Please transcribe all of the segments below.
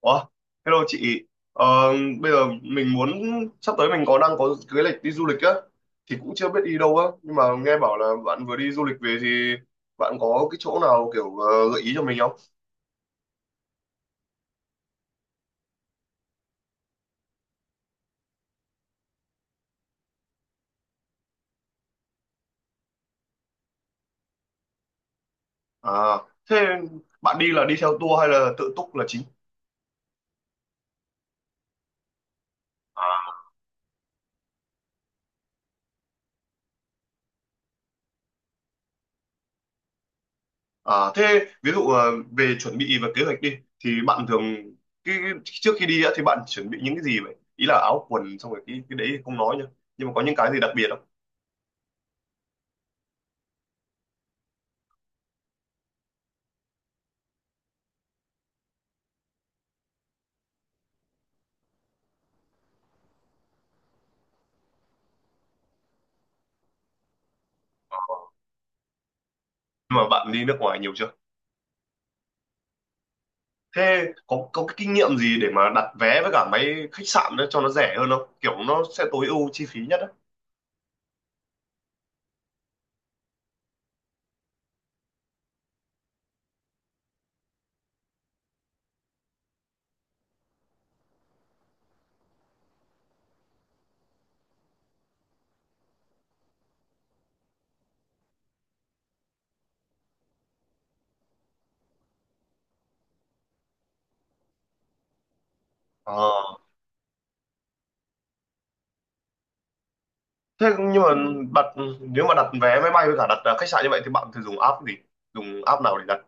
Ủa, hello chị. Ờ, bây giờ mình muốn sắp tới mình có đang có kế hoạch đi du lịch á, thì cũng chưa biết đi đâu á, nhưng mà nghe bảo là bạn vừa đi du lịch về thì bạn có cái chỗ nào kiểu gợi ý cho mình không? À, thế bạn đi là đi theo tour hay là tự túc là chính? À, thế ví dụ về chuẩn bị và kế hoạch đi thì bạn thường trước khi đi á thì bạn chuẩn bị những cái gì vậy? Ý là áo quần xong rồi cái đấy thì không nói nhá. Nhưng mà có những cái gì đặc biệt không? Nhưng mà bạn đi nước ngoài nhiều chưa? Thế có cái kinh nghiệm gì để mà đặt vé với cả máy khách sạn đó cho nó rẻ hơn không? Kiểu nó sẽ tối ưu chi phí nhất á. Ờ. Thế nhưng mà đặt, nếu mà đặt vé máy bay với cả đặt à, khách sạn như vậy thì bạn thường dùng app gì? Dùng app nào để đặt?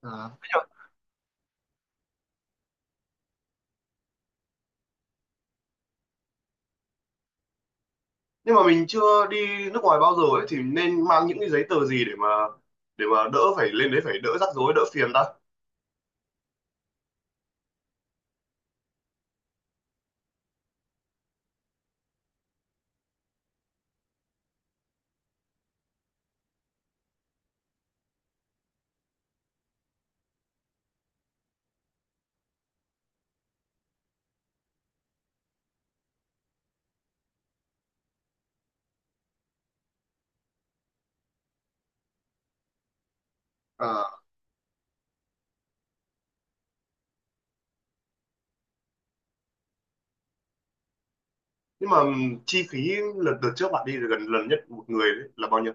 Ờ, thế nhở? Nhưng mà mình chưa đi nước ngoài bao giờ ấy, thì nên mang những cái giấy tờ gì để mà đỡ phải lên đấy, phải đỡ rắc rối, đỡ phiền ta. ờ, Nhưng mà chi phí lần đợt trước bạn đi thì gần lần nhất một người đấy là bao nhiêu?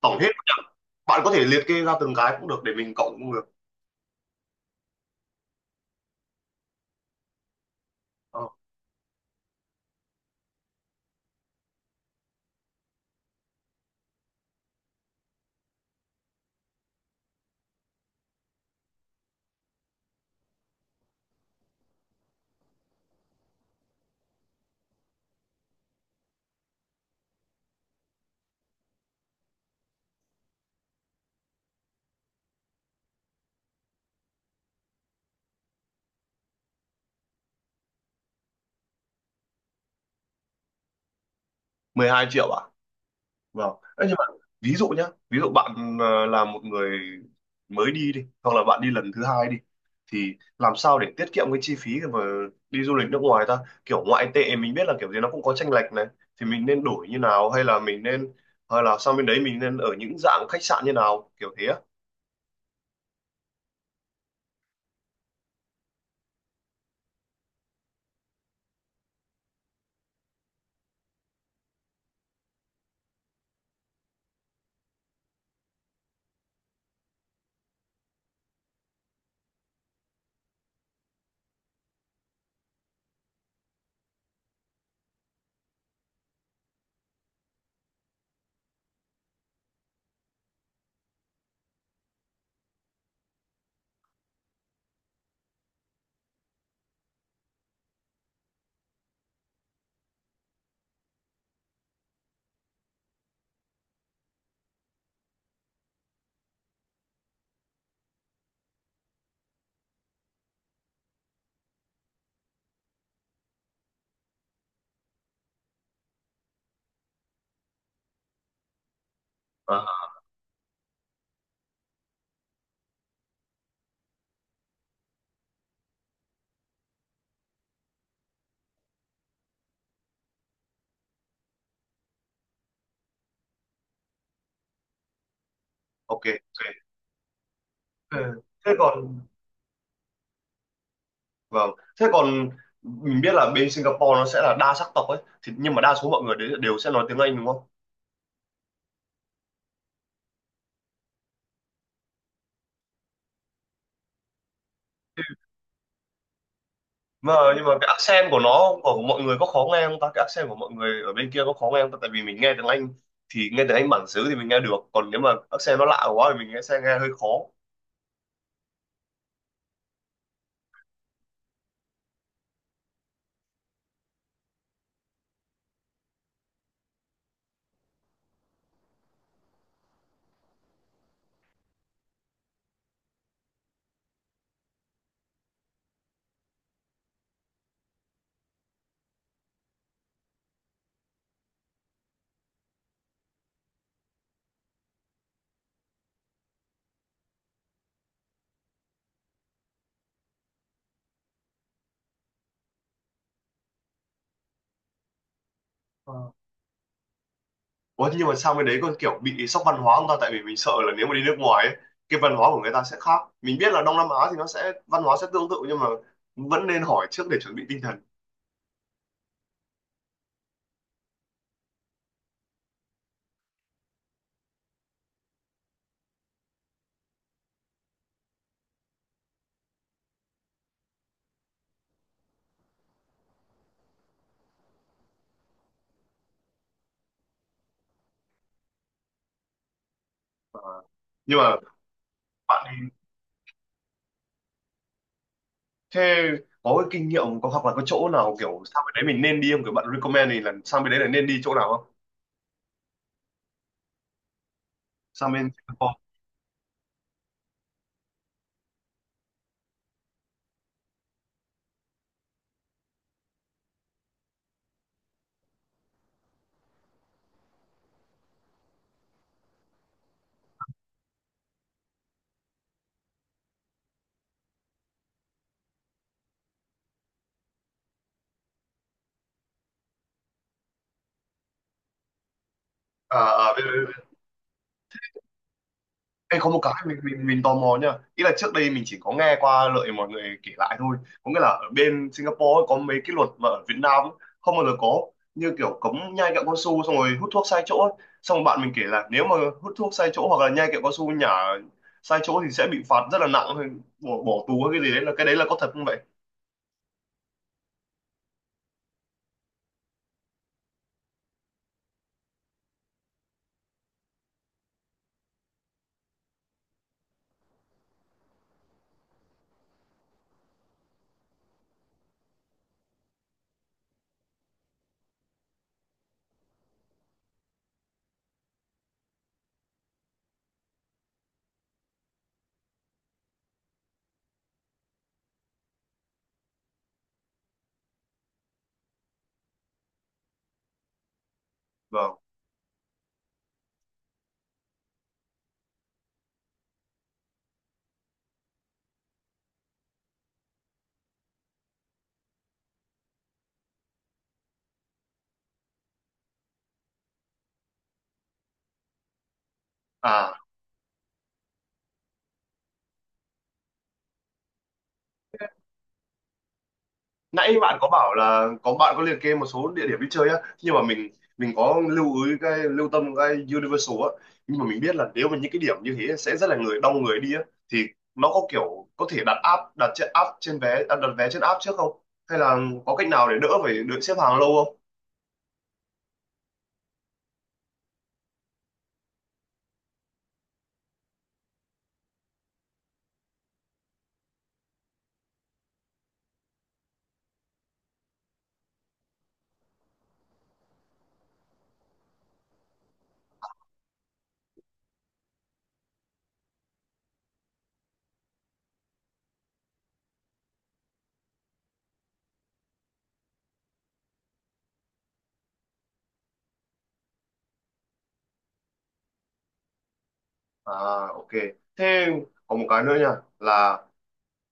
Tổng hết bạn có thể liệt kê ra từng cái cũng được để mình cộng cũng được. Ờ. 12 triệu à? Vâng. Đấy, nhưng mà ví dụ nhá, ví dụ bạn là một người mới đi đi, hoặc là bạn đi lần thứ hai đi, thì làm sao để tiết kiệm cái chi phí mà đi du lịch nước ngoài ta? Kiểu ngoại tệ mình biết là kiểu gì nó cũng có chênh lệch này, thì mình nên đổi như nào, hay là mình nên, hay là sang bên đấy mình nên ở những dạng khách sạn như nào kiểu thế á? À, ok, ok. Ừ. Thế còn vâng, thế còn mình biết là bên Singapore nó sẽ là đa sắc tộc ấy, thì nhưng mà đa số mọi người đấy đều sẽ nói tiếng Anh đúng không? Mà nhưng mà cái accent của nó, của mọi người có khó nghe không ta? Cái accent của mọi người ở bên kia có khó nghe không ta? Tại vì mình nghe tiếng Anh thì nghe tiếng Anh bản xứ thì mình nghe được, còn nếu mà accent nó lạ quá thì mình nghe sẽ nghe hơi khó. Ờ. Ủa, thế nhưng mà sang bên đấy còn kiểu bị sốc văn hóa không ta? Tại vì mình sợ là nếu mà đi nước ngoài ấy, cái văn hóa của người ta sẽ khác, mình biết là Đông Nam Á thì nó sẽ văn hóa sẽ tương tự, nhưng mà vẫn nên hỏi trước để chuẩn bị tinh thần. Ờ, nhưng mà bạn thì thế có cái kinh nghiệm, có hoặc là có chỗ nào kiểu sang bên đấy mình nên đi không, kiểu bạn recommend thì là sang bên đấy là nên đi chỗ nào không, sang bên Singapore? À, à, biết. Ê, có một cái mình tò mò nha, ý là trước đây mình chỉ có nghe qua lợi mọi người kể lại thôi, có nghĩa là ở bên Singapore ấy, có mấy cái luật mà ở Việt Nam ấy, không bao giờ có, như kiểu cấm nhai kẹo cao su xong rồi hút thuốc sai chỗ ấy. Xong rồi bạn mình kể là nếu mà hút thuốc sai chỗ hoặc là nhai kẹo cao su nhả sai chỗ thì sẽ bị phạt rất là nặng, hay bỏ bỏ tù hay cái gì đấy, là cái đấy là có thật không vậy? Vâng. À, nãy bạn có bảo là có, bạn có liệt kê một số địa điểm đi chơi á, nhưng mà mình, mình lưu ý, cái lưu tâm cái Universal á, nhưng mà mình biết là nếu mà những cái điểm như thế sẽ rất là người đông người đi á, thì nó có kiểu có thể đặt app, đặt trên app, trên vé à, đặt vé trên app trước không, hay là có cách nào để đỡ phải đợi xếp hàng lâu không? À, ok, thế còn một cái nữa nha, là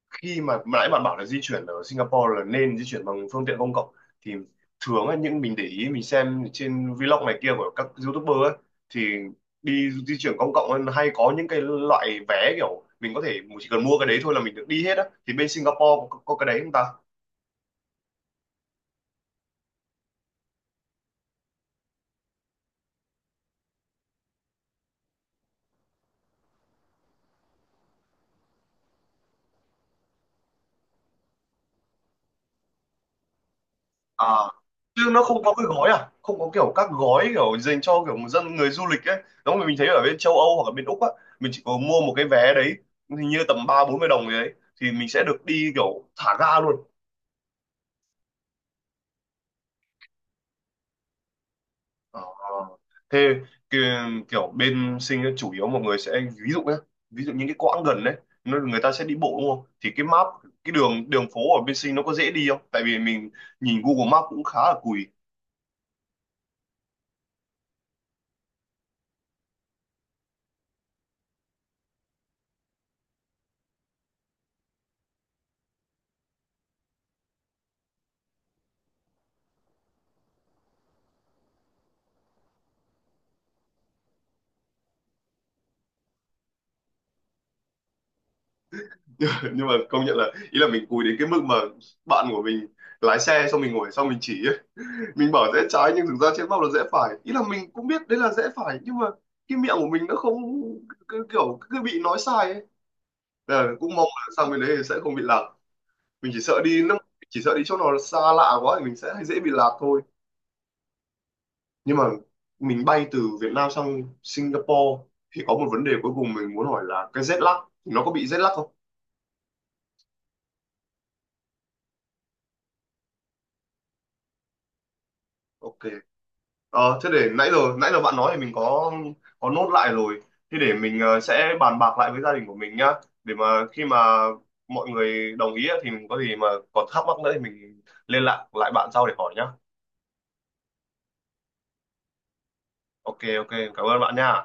khi mà, nãy bạn bảo là di chuyển ở Singapore là nên di chuyển bằng phương tiện công cộng, thì thường á, những mình để ý mình xem trên vlog này kia của các YouTuber ấy, thì đi di chuyển công cộng ấy, hay có những cái loại vé kiểu mình có thể, mình chỉ cần mua cái đấy thôi là mình được đi hết á, thì bên Singapore có cái đấy không ta? À, chứ nó không có cái gói, à không, có kiểu các gói kiểu dành cho kiểu dân người du lịch ấy, giống như mình thấy ở bên châu Âu hoặc ở bên Úc á, mình chỉ có mua một cái vé đấy, hình như tầm 30-40 đồng gì đấy, thì mình sẽ được đi kiểu thả ga luôn. Ờ, thế ki- kiểu bên sinh ấy, chủ yếu mọi người sẽ, ví dụ nhé, ví dụ những cái quãng gần đấy nó- người ta sẽ đi bộ đúng không? Thì cái map, cái đường, đường phố ở bên sinh nó có dễ đi không, tại vì mình nhìn Google Maps cũng khá là cùi. Nhưng mà công nhận là, ý là mình cùi đến cái mức mà bạn của mình lái xe xong mình ngồi xong mình chỉ ấy. Mình bảo rẽ trái nhưng thực ra trên map là rẽ phải, ý là mình cũng biết đấy là rẽ phải nhưng mà cái miệng của mình nó không, kiểu cứ bị nói sai ấy. Ờ, cũng mong là sang bên đấy thì sẽ không bị lạc, mình chỉ sợ đi nước, chỉ sợ đi chỗ nào xa lạ quá thì mình sẽ dễ bị lạc thôi. Nhưng mà mình bay từ Việt Nam sang Singapore thì có một vấn đề cuối cùng mình muốn hỏi là cái jet lag, thì nó có bị jet lag không? Ok. Ờ, thế để nãy giờ bạn nói thì mình có nốt lại rồi, thế để mình sẽ bàn bạc lại với gia đình của mình nhá, để mà khi mà mọi người đồng ý á, thì mình có gì mà còn thắc mắc nữa thì mình liên lạc lại bạn sau để hỏi nhá. Ok, ok, cảm ơn bạn nha.